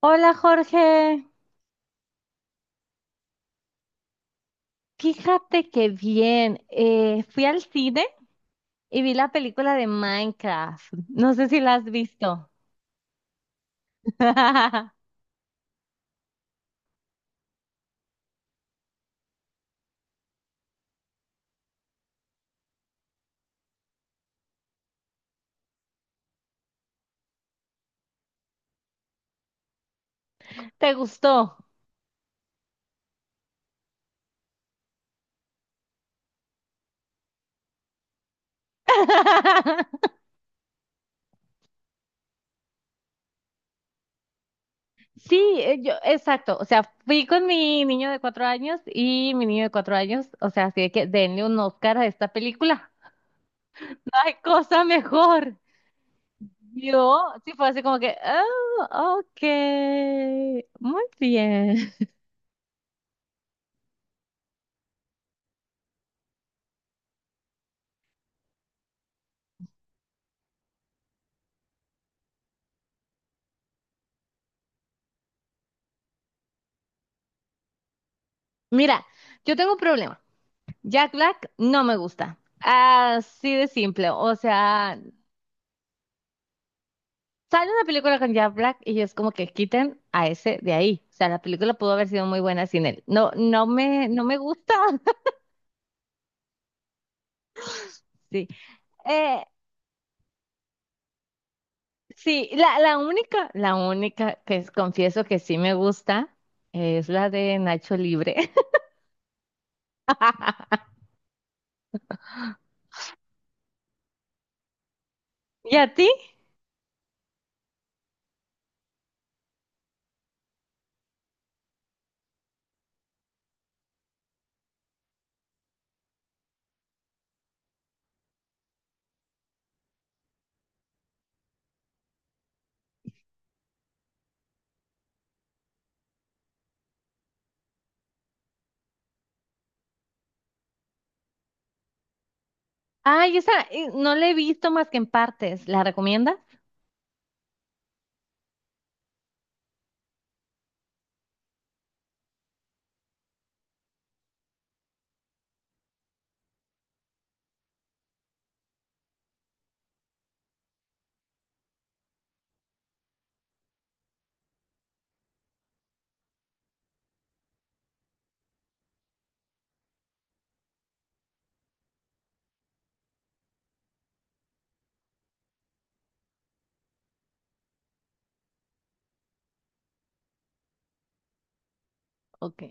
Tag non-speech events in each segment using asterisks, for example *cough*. Hola Jorge, fíjate que bien, fui al cine y vi la película de Minecraft. No sé si la has visto. *laughs* ¿Te gustó? *laughs* Sí, yo, exacto. O sea, fui con mi niño de 4 años y mi niño de cuatro años, o sea, así de que denle un Oscar a esta película. *laughs* ¡Ay, cosa mejor! Yo sí fue así como que, oh, ok, muy bien. *laughs* Mira, yo tengo un problema. Jack Black no me gusta. Así de simple. O sea, sale una película con Jack Black y es como que quiten a ese de ahí. O sea, la película pudo haber sido muy buena sin él. No, no me gusta. *laughs* Sí. Eh, sí, la única, la única confieso que sí me gusta es la de Nacho Libre. *laughs* ¿Y a ti? Ay, esa no la he visto más que en partes. ¿La recomiendas? Ok.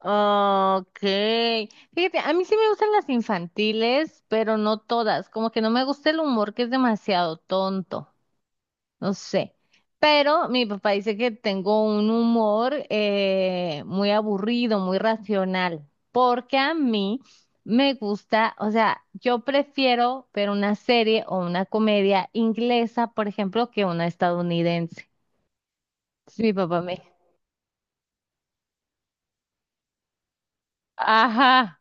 Okay, fíjate, a mí sí me gustan las infantiles, pero no todas. Como que no me gusta el humor que es demasiado tonto. No sé. Pero mi papá dice que tengo un humor muy aburrido, muy racional. Porque a mí me gusta, o sea, yo prefiero ver una serie o una comedia inglesa, por ejemplo, que una estadounidense. Entonces, mi papá me. Ajá.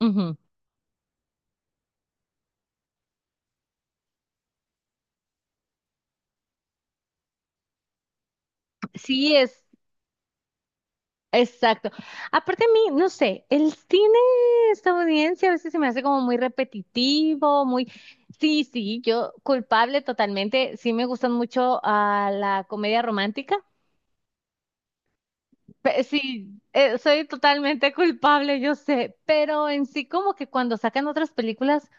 Ujú. Sí es. Exacto. Aparte a mí, no sé, el cine estadounidense a veces se me hace como muy repetitivo, muy... Sí, sí, yo culpable totalmente. Sí me gustan mucho a la comedia romántica. Sí, soy totalmente culpable, yo sé, pero en sí como que cuando sacan otras películas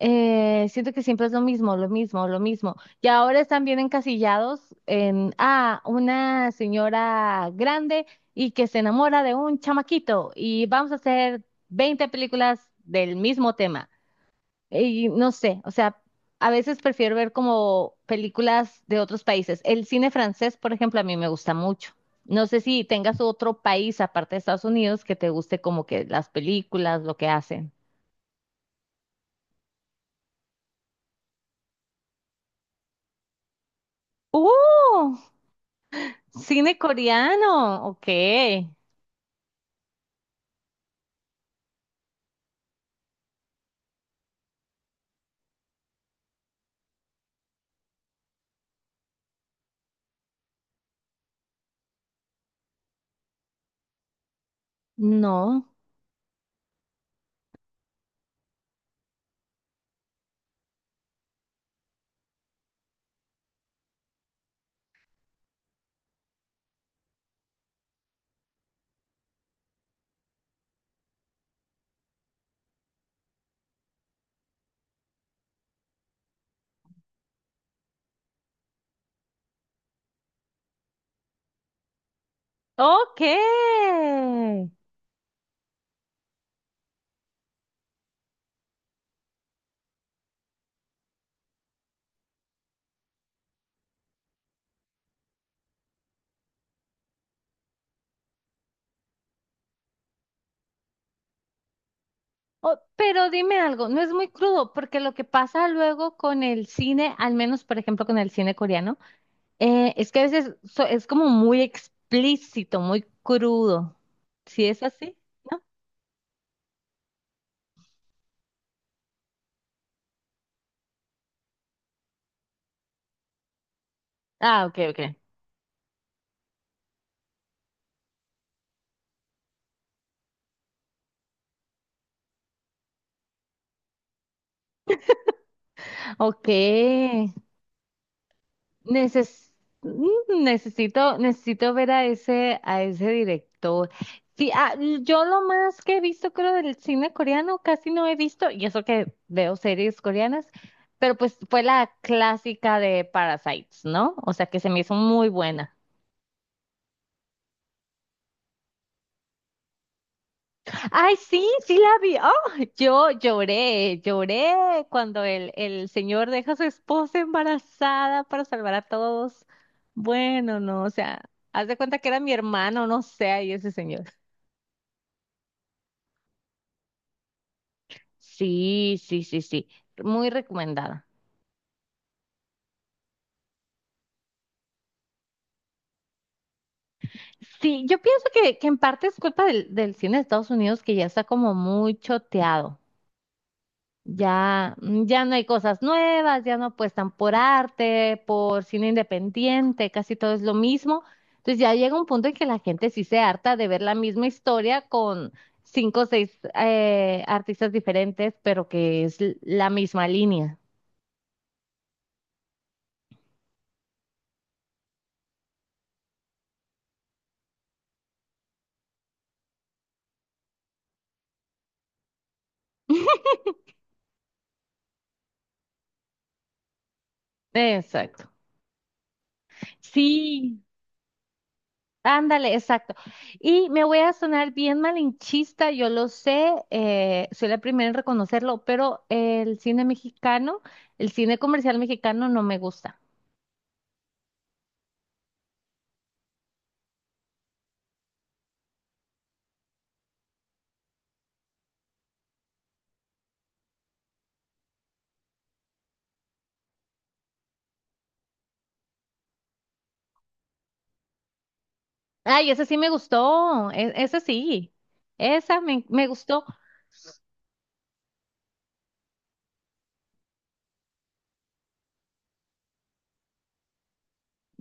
siento que siempre es lo mismo, lo mismo, lo mismo. Y ahora están bien encasillados en, ah, una señora grande y que se enamora de un chamaquito y vamos a hacer 20 películas del mismo tema. Y no sé, o sea, a veces prefiero ver como películas de otros países. El cine francés, por ejemplo, a mí me gusta mucho. No sé si tengas otro país aparte de Estados Unidos que te guste como que las películas, lo que hacen. ¡Uh! Cine coreano, ok. No. Ok. Pero dime algo, no es muy crudo, porque lo que pasa luego con el cine, al menos por ejemplo con el cine coreano, es que a veces es como muy explícito, muy crudo. ¿Sí es así? Ah, ok, ok. Ok. Neces- necesito, necesito ver a ese director. Sí, yo lo más que he visto, creo, del cine coreano, casi no he visto, y eso que veo series coreanas, pero pues fue la clásica de Parasites, ¿no? O sea, que se me hizo muy buena. Ay, sí, sí la vi. Oh, yo lloré, lloré cuando el señor deja a su esposa embarazada para salvar a todos. Bueno, no, o sea, haz de cuenta que era mi hermano, no sé, ahí ese señor. Sí, sí, sí, sí, muy recomendada. Sí, yo pienso que en parte es culpa del cine de Estados Unidos que ya está como muy choteado. Ya, mm, ya no hay cosas nuevas, ya no apuestan por arte, por cine independiente, casi todo es lo mismo. Entonces ya llega un punto en que la gente sí se harta de ver la misma historia con cinco o seis artistas diferentes, pero que es la misma línea. Exacto. Sí, ándale, exacto. Y me voy a sonar bien malinchista, yo lo sé, soy la primera en reconocerlo, pero el cine mexicano, el cine comercial mexicano no me gusta. Ay, ese sí me gustó, ese sí, esa me, me gustó.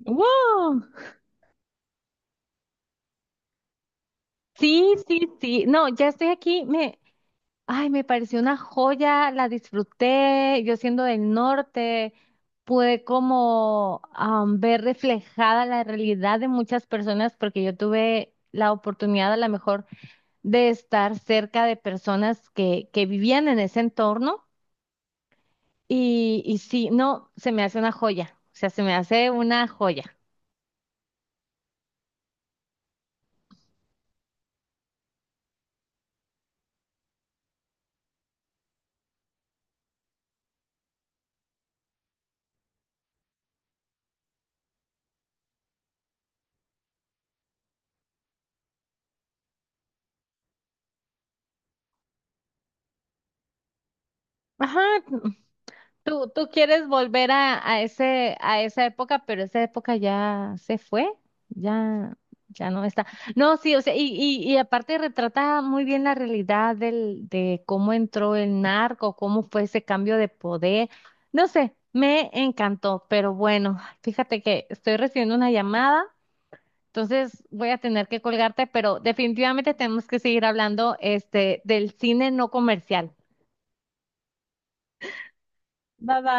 ¡Wow! Sí, sí, sí, no, ya estoy aquí, me, ay, me pareció una joya, la disfruté, yo siendo del norte, pude como am, ver reflejada la realidad de muchas personas porque yo tuve la oportunidad a lo mejor de estar cerca de personas que vivían en ese entorno y sí, no, se me hace una joya, o sea, se me hace una joya. Ajá, tú quieres volver a ese, a esa época, pero esa época ya se fue, ya, ya no está. No, sí, o sea, y aparte retrata muy bien la realidad del, de cómo entró el narco, cómo fue ese cambio de poder. No sé, me encantó, pero bueno, fíjate que estoy recibiendo una llamada, entonces voy a tener que colgarte, pero definitivamente tenemos que seguir hablando, este, del cine no comercial. Bye bye.